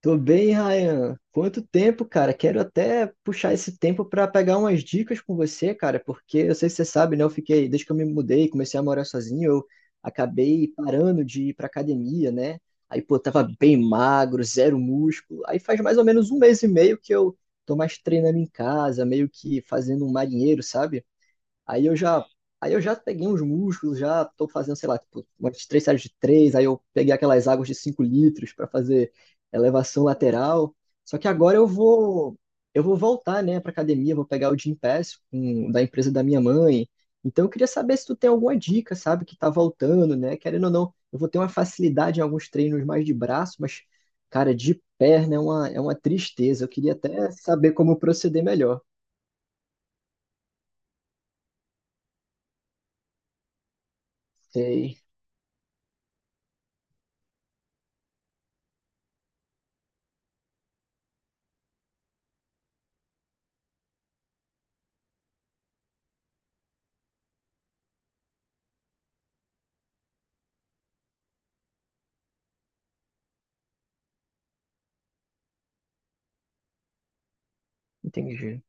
Tô bem, Ryan. Quanto tempo, cara? Quero até puxar esse tempo para pegar umas dicas com você, cara, porque eu sei se você sabe, né? Eu fiquei, desde que eu me mudei, comecei a morar sozinho, eu acabei parando de ir pra academia, né? Aí, pô, tava bem magro, zero músculo. Aí faz mais ou menos um mês e meio que eu tô mais treinando em casa, meio que fazendo um marinheiro, sabe? Aí eu já, aí eu já peguei uns músculos, já tô fazendo, sei lá, tipo, umas três séries de três, aí eu peguei aquelas águas de 5 litros para fazer elevação lateral. Só que agora eu vou voltar, né, para academia, vou pegar o Gym Pass um, da empresa da minha mãe. Então eu queria saber se tu tem alguma dica, sabe, que tá voltando, né? Querendo ou não, eu vou ter uma facilidade em alguns treinos mais de braço, mas cara, de perna é uma tristeza. Eu queria até saber como proceder melhor. Sei, entendi.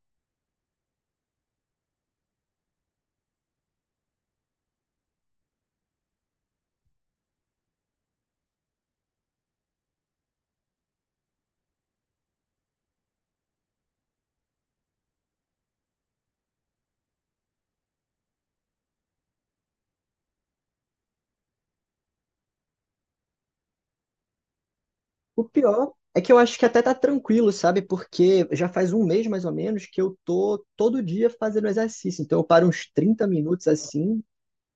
O pior é que eu acho que até tá tranquilo, sabe? Porque já faz um mês mais ou menos que eu tô todo dia fazendo exercício. Então eu paro uns 30 minutos assim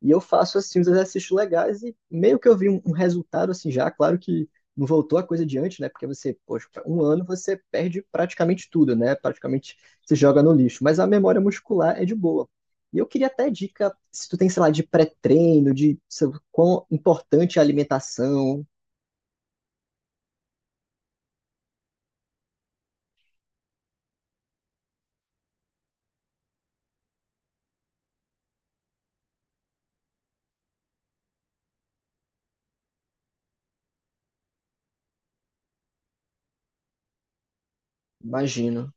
e eu faço assim os exercícios legais e meio que eu vi um resultado assim já. Claro que não voltou a coisa de antes, né? Porque você, poxa, um ano você perde praticamente tudo, né? Praticamente se joga no lixo. Mas a memória muscular é de boa. E eu queria até dica, se tu tem, sei lá, de pré-treino, de sei lá, quão importante é a alimentação, imagino.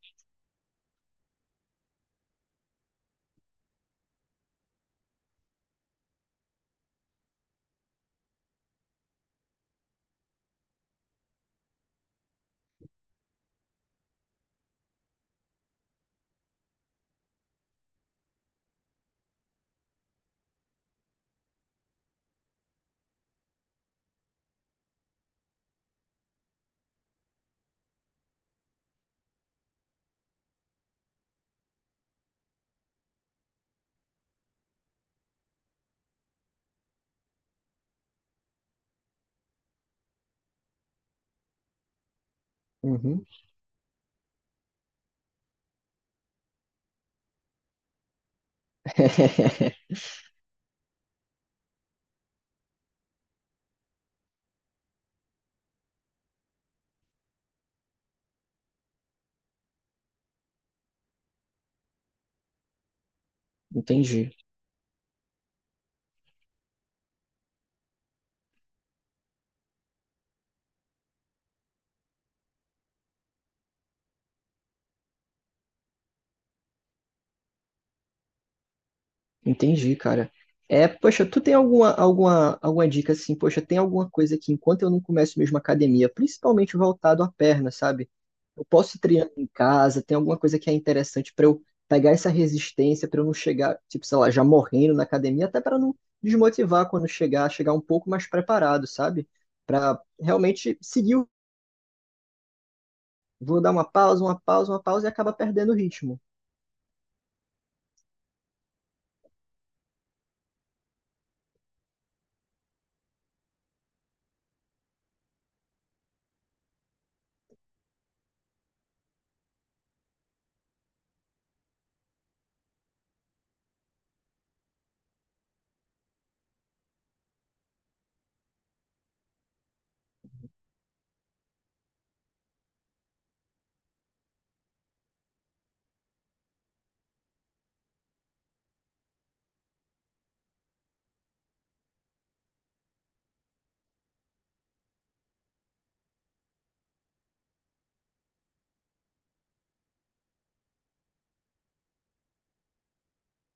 Uhum. Entendi, entendi, cara. É, poxa, tu tem alguma dica assim? Poxa, tem alguma coisa que enquanto eu não começo mesmo a academia, principalmente voltado à perna, sabe? Eu posso ir treinando em casa, tem alguma coisa que é interessante pra eu pegar essa resistência, pra eu não chegar, tipo, sei lá, já morrendo na academia, até pra não desmotivar quando chegar, chegar um pouco mais preparado, sabe? Pra realmente seguir, vou dar uma pausa e acaba perdendo o ritmo.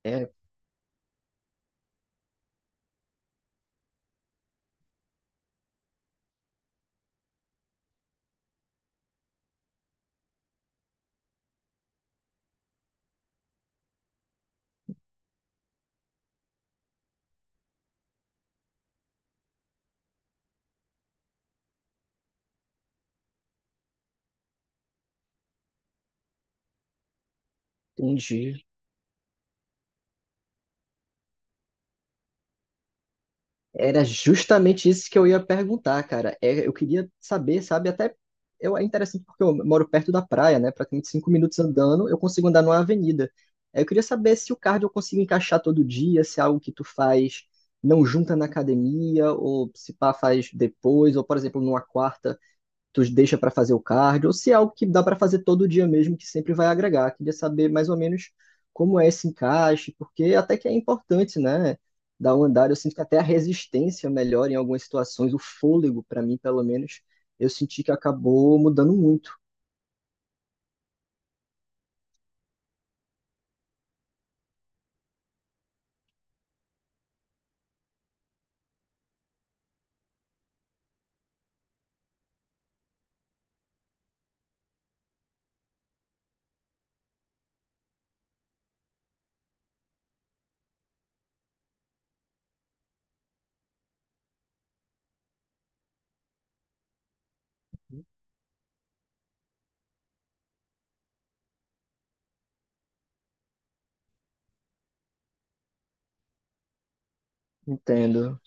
É, entendi. Era justamente isso que eu ia perguntar, cara. É, eu queria saber, sabe, é interessante porque eu moro perto da praia, né? Praticamente 5 minutos andando, eu consigo andar numa avenida. Aí eu queria saber se o cardio eu consigo encaixar todo dia, se é algo que tu faz não junta na academia, ou se pá faz depois, ou por exemplo, numa quarta tu deixa para fazer o cardio, ou se é algo que dá para fazer todo dia mesmo, que sempre vai agregar. Queria saber mais ou menos como é esse encaixe, porque até que é importante, né? Dar um andar, eu sinto que até a resistência melhora em algumas situações, o fôlego, para mim, pelo menos, eu senti que acabou mudando muito. Entendo,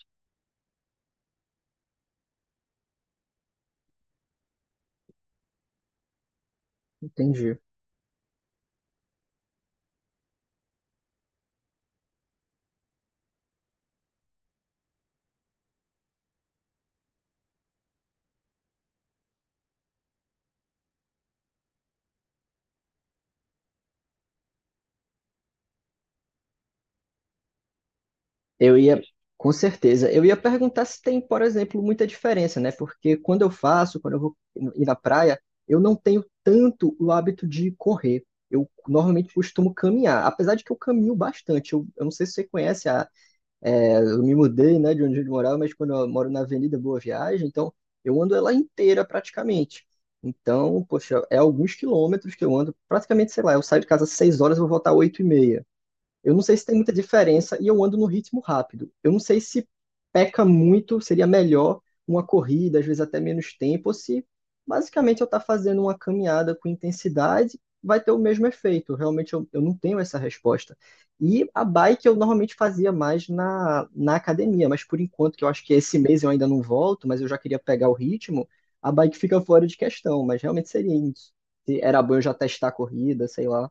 entendi. Eu ia, com certeza, eu ia perguntar se tem, por exemplo, muita diferença, né? Porque quando eu vou ir na praia, eu não tenho tanto o hábito de correr. Eu normalmente costumo caminhar, apesar de que eu caminho bastante. Eu não sei se você conhece, eu me mudei, né, de onde eu morava, mas quando eu moro na Avenida Boa Viagem, então eu ando ela inteira praticamente. Então, poxa, é alguns quilômetros que eu ando, praticamente, sei lá, eu saio de casa às 6h, eu vou voltar às 8h30. Eu não sei se tem muita diferença e eu ando no ritmo rápido. Eu não sei se peca muito, seria melhor uma corrida, às vezes até menos tempo, ou se basicamente eu estar fazendo uma caminhada com intensidade, vai ter o mesmo efeito. Realmente eu não tenho essa resposta. E a bike eu normalmente fazia mais na academia, mas por enquanto, que eu acho que esse mês eu ainda não volto, mas eu já queria pegar o ritmo, a bike fica fora de questão, mas realmente seria isso. Se era bom eu já testar a corrida, sei lá.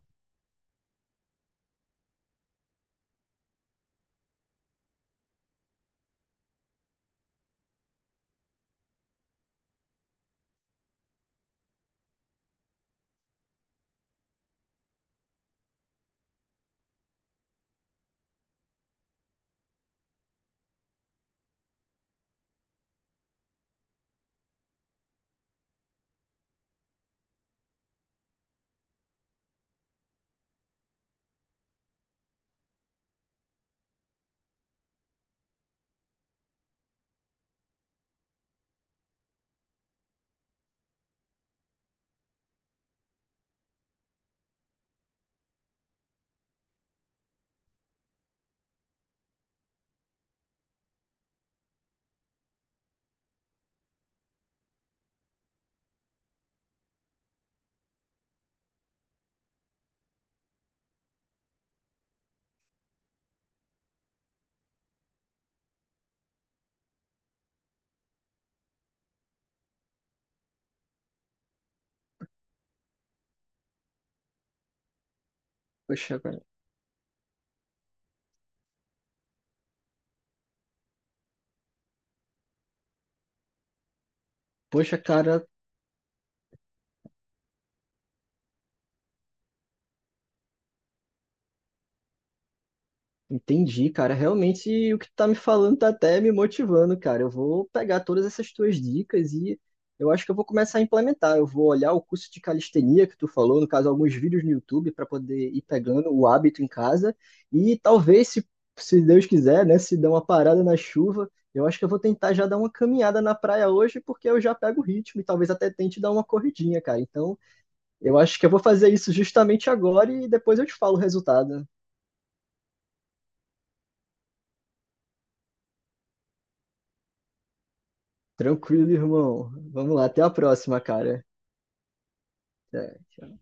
Poxa, cara. Poxa, cara, entendi, cara. Realmente o que tu tá me falando tá até me motivando, cara. Eu vou pegar todas essas tuas dicas e eu acho que eu vou começar a implementar. Eu vou olhar o curso de calistenia que tu falou, no caso, alguns vídeos no YouTube para poder ir pegando o hábito em casa e talvez se Deus quiser, né, se der uma parada na chuva, eu acho que eu vou tentar já dar uma caminhada na praia hoje porque eu já pego o ritmo e talvez até tente dar uma corridinha, cara. Então, eu acho que eu vou fazer isso justamente agora e depois eu te falo o resultado. Tranquilo, irmão. Vamos lá, até a próxima, cara. Até, tchau.